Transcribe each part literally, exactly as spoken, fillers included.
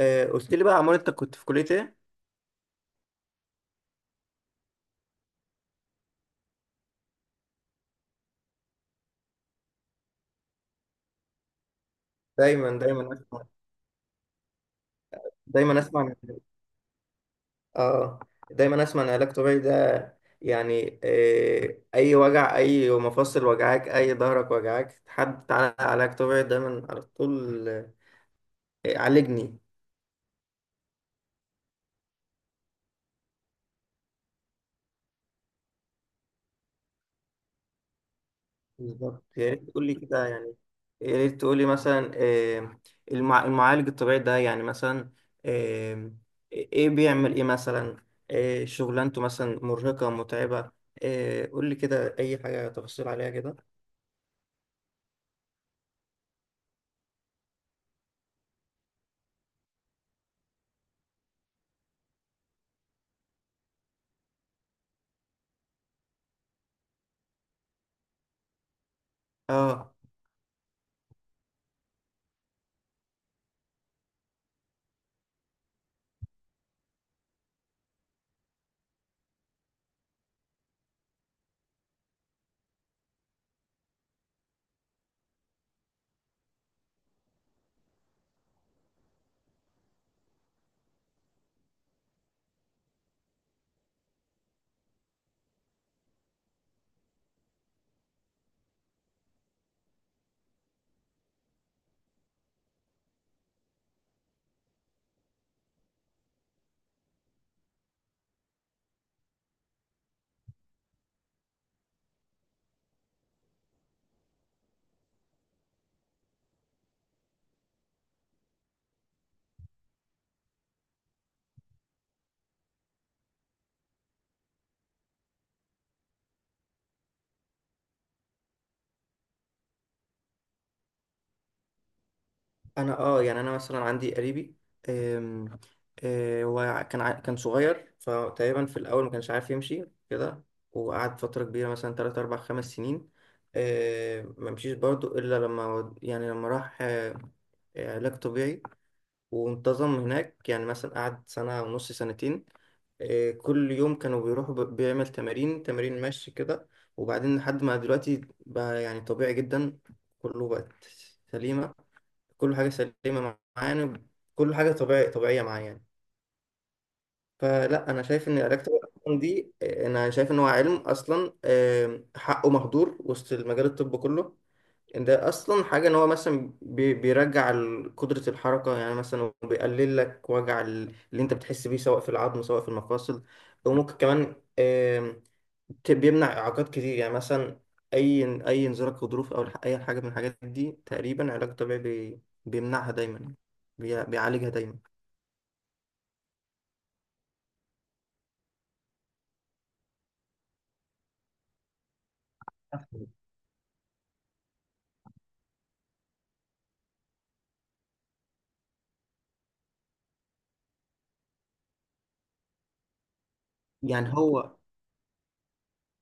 آه، قلت لي بقى عمار، انت كنت في كلية ايه؟ دايما دايما اسمع. دايما اسمع عن- اه دايما اسمع ان علاج طبيعي ده يعني، آه، اي وجع، اي مفاصل وجعاك، اي ظهرك وجعاك، حد تعالى علاج طبيعي دايما على طول. آه، عالجني. بالظبط، يا ريت تقول لي كده يعني، يا ريت تقول لي مثلا، آه، المع- المعالج الطبيعي ده يعني مثلا، آه، ايه بيعمل ايه مثلا؟ آه، شغلانته مثلا مرهقة متعبة؟ آه، قول لي كده اي حاجة تفاصيل عليها كده. اه، انا اه يعني انا مثلا عندي قريبي. آم، آه، هو كان ع- كان صغير، فتقريبا في الاول ما كانش عارف يمشي كده. وقعد فتره كبيره مثلا ثلاث اربعة خمس سنين. آه، ما مشيش برضه الا لما ود- يعني لما راح آه، آه، علاج طبيعي، وانتظم هناك. يعني مثلا قعد سنه ونص، سنتين. آه، كل يوم كانوا بيروحوا، ب- بيعمل تمارين، تمارين مشي كده. وبعدين لحد ما دلوقتي بقى يعني طبيعي جدا. كله بقت سليمة. كل حاجة سليمة معانا. كل حاجة طبيعي طبيعية معايا يعني. فلا، أنا شايف إن العلاج الطبيعي دي، آه، أنا شايف إن هو علم أصلا آم، حقه مهدور وسط المجال الطب كله. إن ده أصلا حاجة إن هو مثلا بي- بيرجع ال- قدرة الحركة، يعني مثلا بيقلل لك وجع ال- اللي أنت بتحس بيه، سواء في العظم سواء في المفاصل. وممكن كمان ت- بيمنع اعاقات كتير، يعني مثلا اي اي انزلاق غضروف، او الح- اي حاجه من الحاجات دي. تقريبا علاج طبيعي بي... بيمنعها دايما، بي... بيعالجها دايما. يعني هو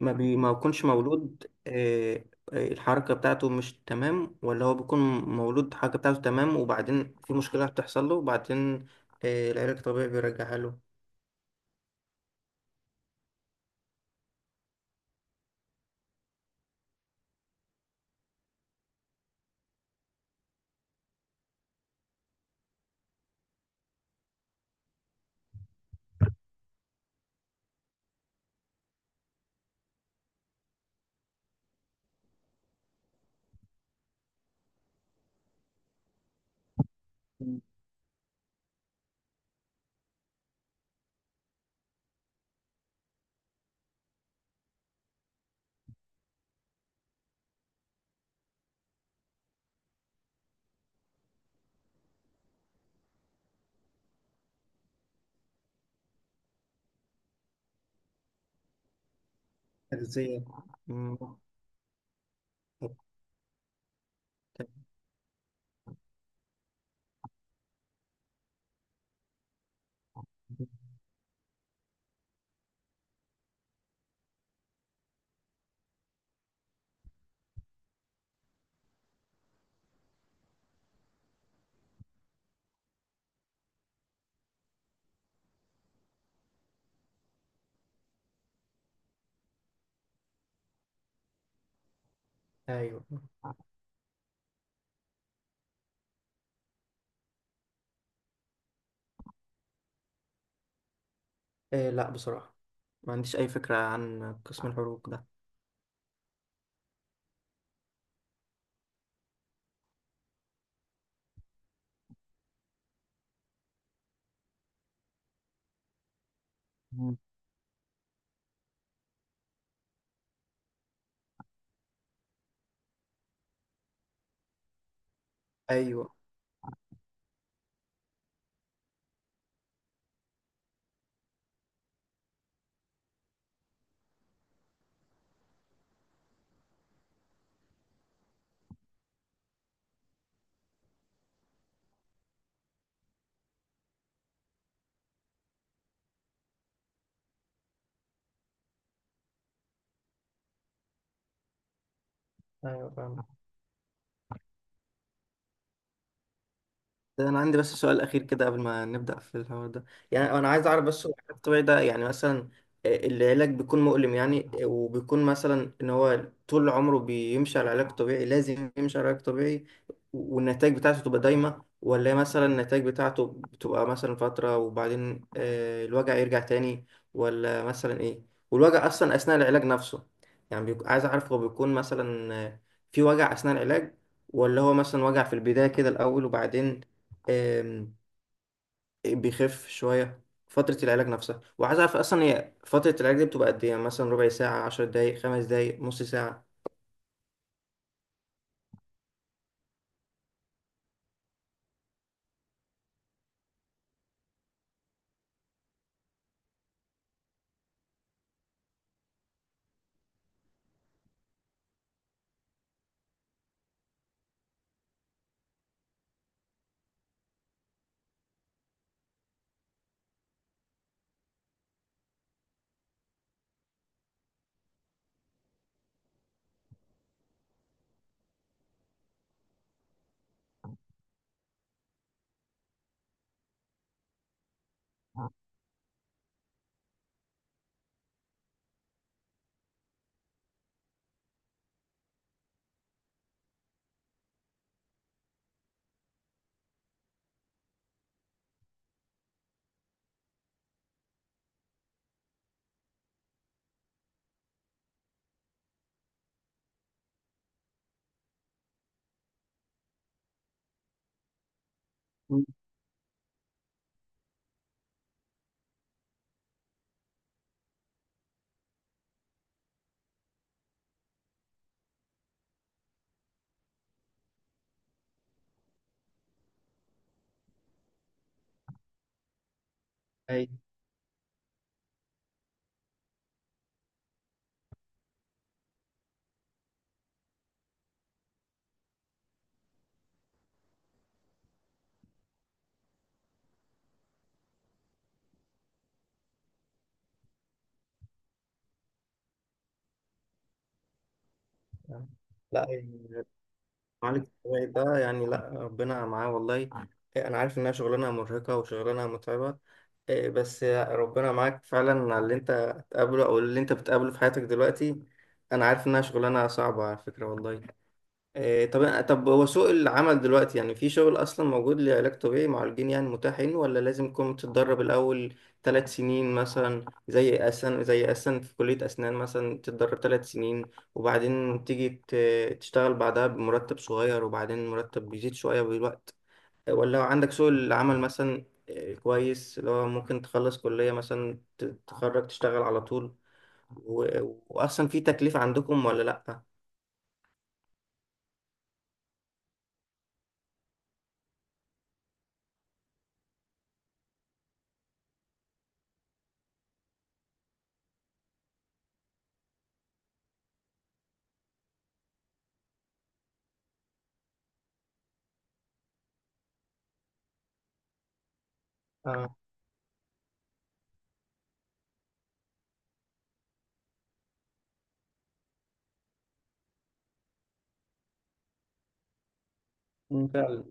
ما بي... ما بيكونش مولود آه، آه، الحركه بتاعته مش تمام، ولا هو بيكون مولود الحركه بتاعته تمام وبعدين في مشكله بتحصل له وبعدين آه، العلاج الطبيعي بيرجعها له؟ تغذيه. مم. ايوه. آه، لا، بصراحه ما عنديش اي فكره عن قسم الحروق ده. مم. ايوه. ايوه، فاهم. ده انا عندي بس سؤال اخير كده قبل ما نبدا في الحوار ده. يعني انا عايز اعرف بس، هو العلاج الطبيعي ده يعني مثلا، آه، العلاج بيكون مؤلم؟ يعني آه، وبيكون مثلا ان هو طول عمره بيمشي على العلاج الطبيعي، لازم يمشي على العلاج الطبيعي؟ والنتائج بتاعته تبقى دايمه، ولا مثلا النتائج بتاعته بتبقى مثلا فتره وبعدين آه، الوجع يرجع تاني، ولا مثلا ايه؟ والوجع اصلا اثناء العلاج نفسه؟ يعني بيك- عايز اعرف، هو بيكون مثلا آه، في وجع اثناء العلاج، ولا هو مثلا وجع في البداية كده الأول وبعدين آم، بيخف شوية فترة العلاج نفسها؟ وعايز أعرف أصلا، هي فترة العلاج دي بتبقى قد إيه؟ يعني مثلا ربع ساعة، عشر دقايق، خمس دقايق، نص ساعة؟ مم. أي. لا، يعني معالج الطبيعي ده يعني، لا ربنا معاه والله. إيه، أنا عارف إنها شغلانة مرهقة وشغلانة متعبة. إيه، بس ربنا معاك فعلا على اللي أنت هتقابله أو اللي أنت بتقابله في حياتك دلوقتي. أنا عارف إنها شغلانة صعبة على فكرة والله. إيه، طب طب هو سوق العمل دلوقتي يعني، في شغل اصلا موجود لعلاج طبيعي مع الجين يعني متاحين، ولا لازم تكون تتدرب الاول ثلاث سنين، مثلا زي اسن، زي اسن في كلية اسنان، مثلا تتدرب ثلاث سنين وبعدين تيجي ت- تشتغل بعدها بمرتب صغير، وبعدين المرتب بيزيد شوية بالوقت؟ ولا عندك سوق العمل مثلا إيه، كويس، اللي هو ممكن تخلص كلية مثلا، تتخرج تشتغل على طول؟ و... واصلا في تكليف عندكم ولا لا؟ اه. مم، فعلا.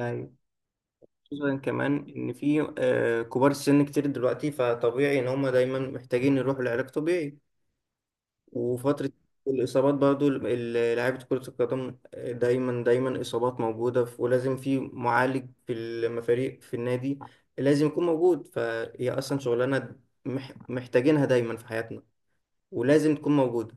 أيوة. خصوصا كمان ان في آه، كبار السن كتير دلوقتي، فطبيعي ان هم دايما محتاجين يروحوا لعلاج طبيعي وفترة الاصابات برضو ال- ال- لعيبة كرة القدم، آه، دايما دايما اصابات موجودة، ف- ولازم في معالج في المفاريق في النادي لازم يكون موجود. فهي اصلا شغلانة مح- محتاجينها دايما في حياتنا، ولازم تكون موجودة.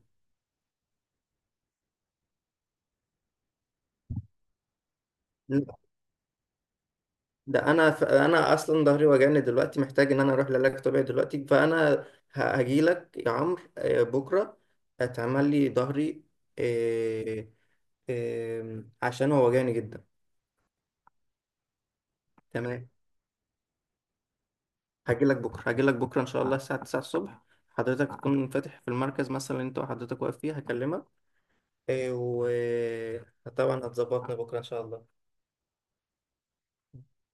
ده انا ف... انا اصلا ظهري وجعني دلوقتي، محتاج ان انا اروح لعلاج طبيعي دلوقتي، فانا هاجي لك يا عمرو آه، بكره هتعمل لي ظهري آه، آه، عشان هو وجعني جدا. تمام، هاجي لك بكره، هاجي لك بكره ان شاء الله الساعه تسعة الصبح. حضرتك تكون فاتح في المركز مثلا اللي انت وحضرتك واقف فيه، هكلمك. آه، وطبعا هتظبطنا بكره ان شاء الله.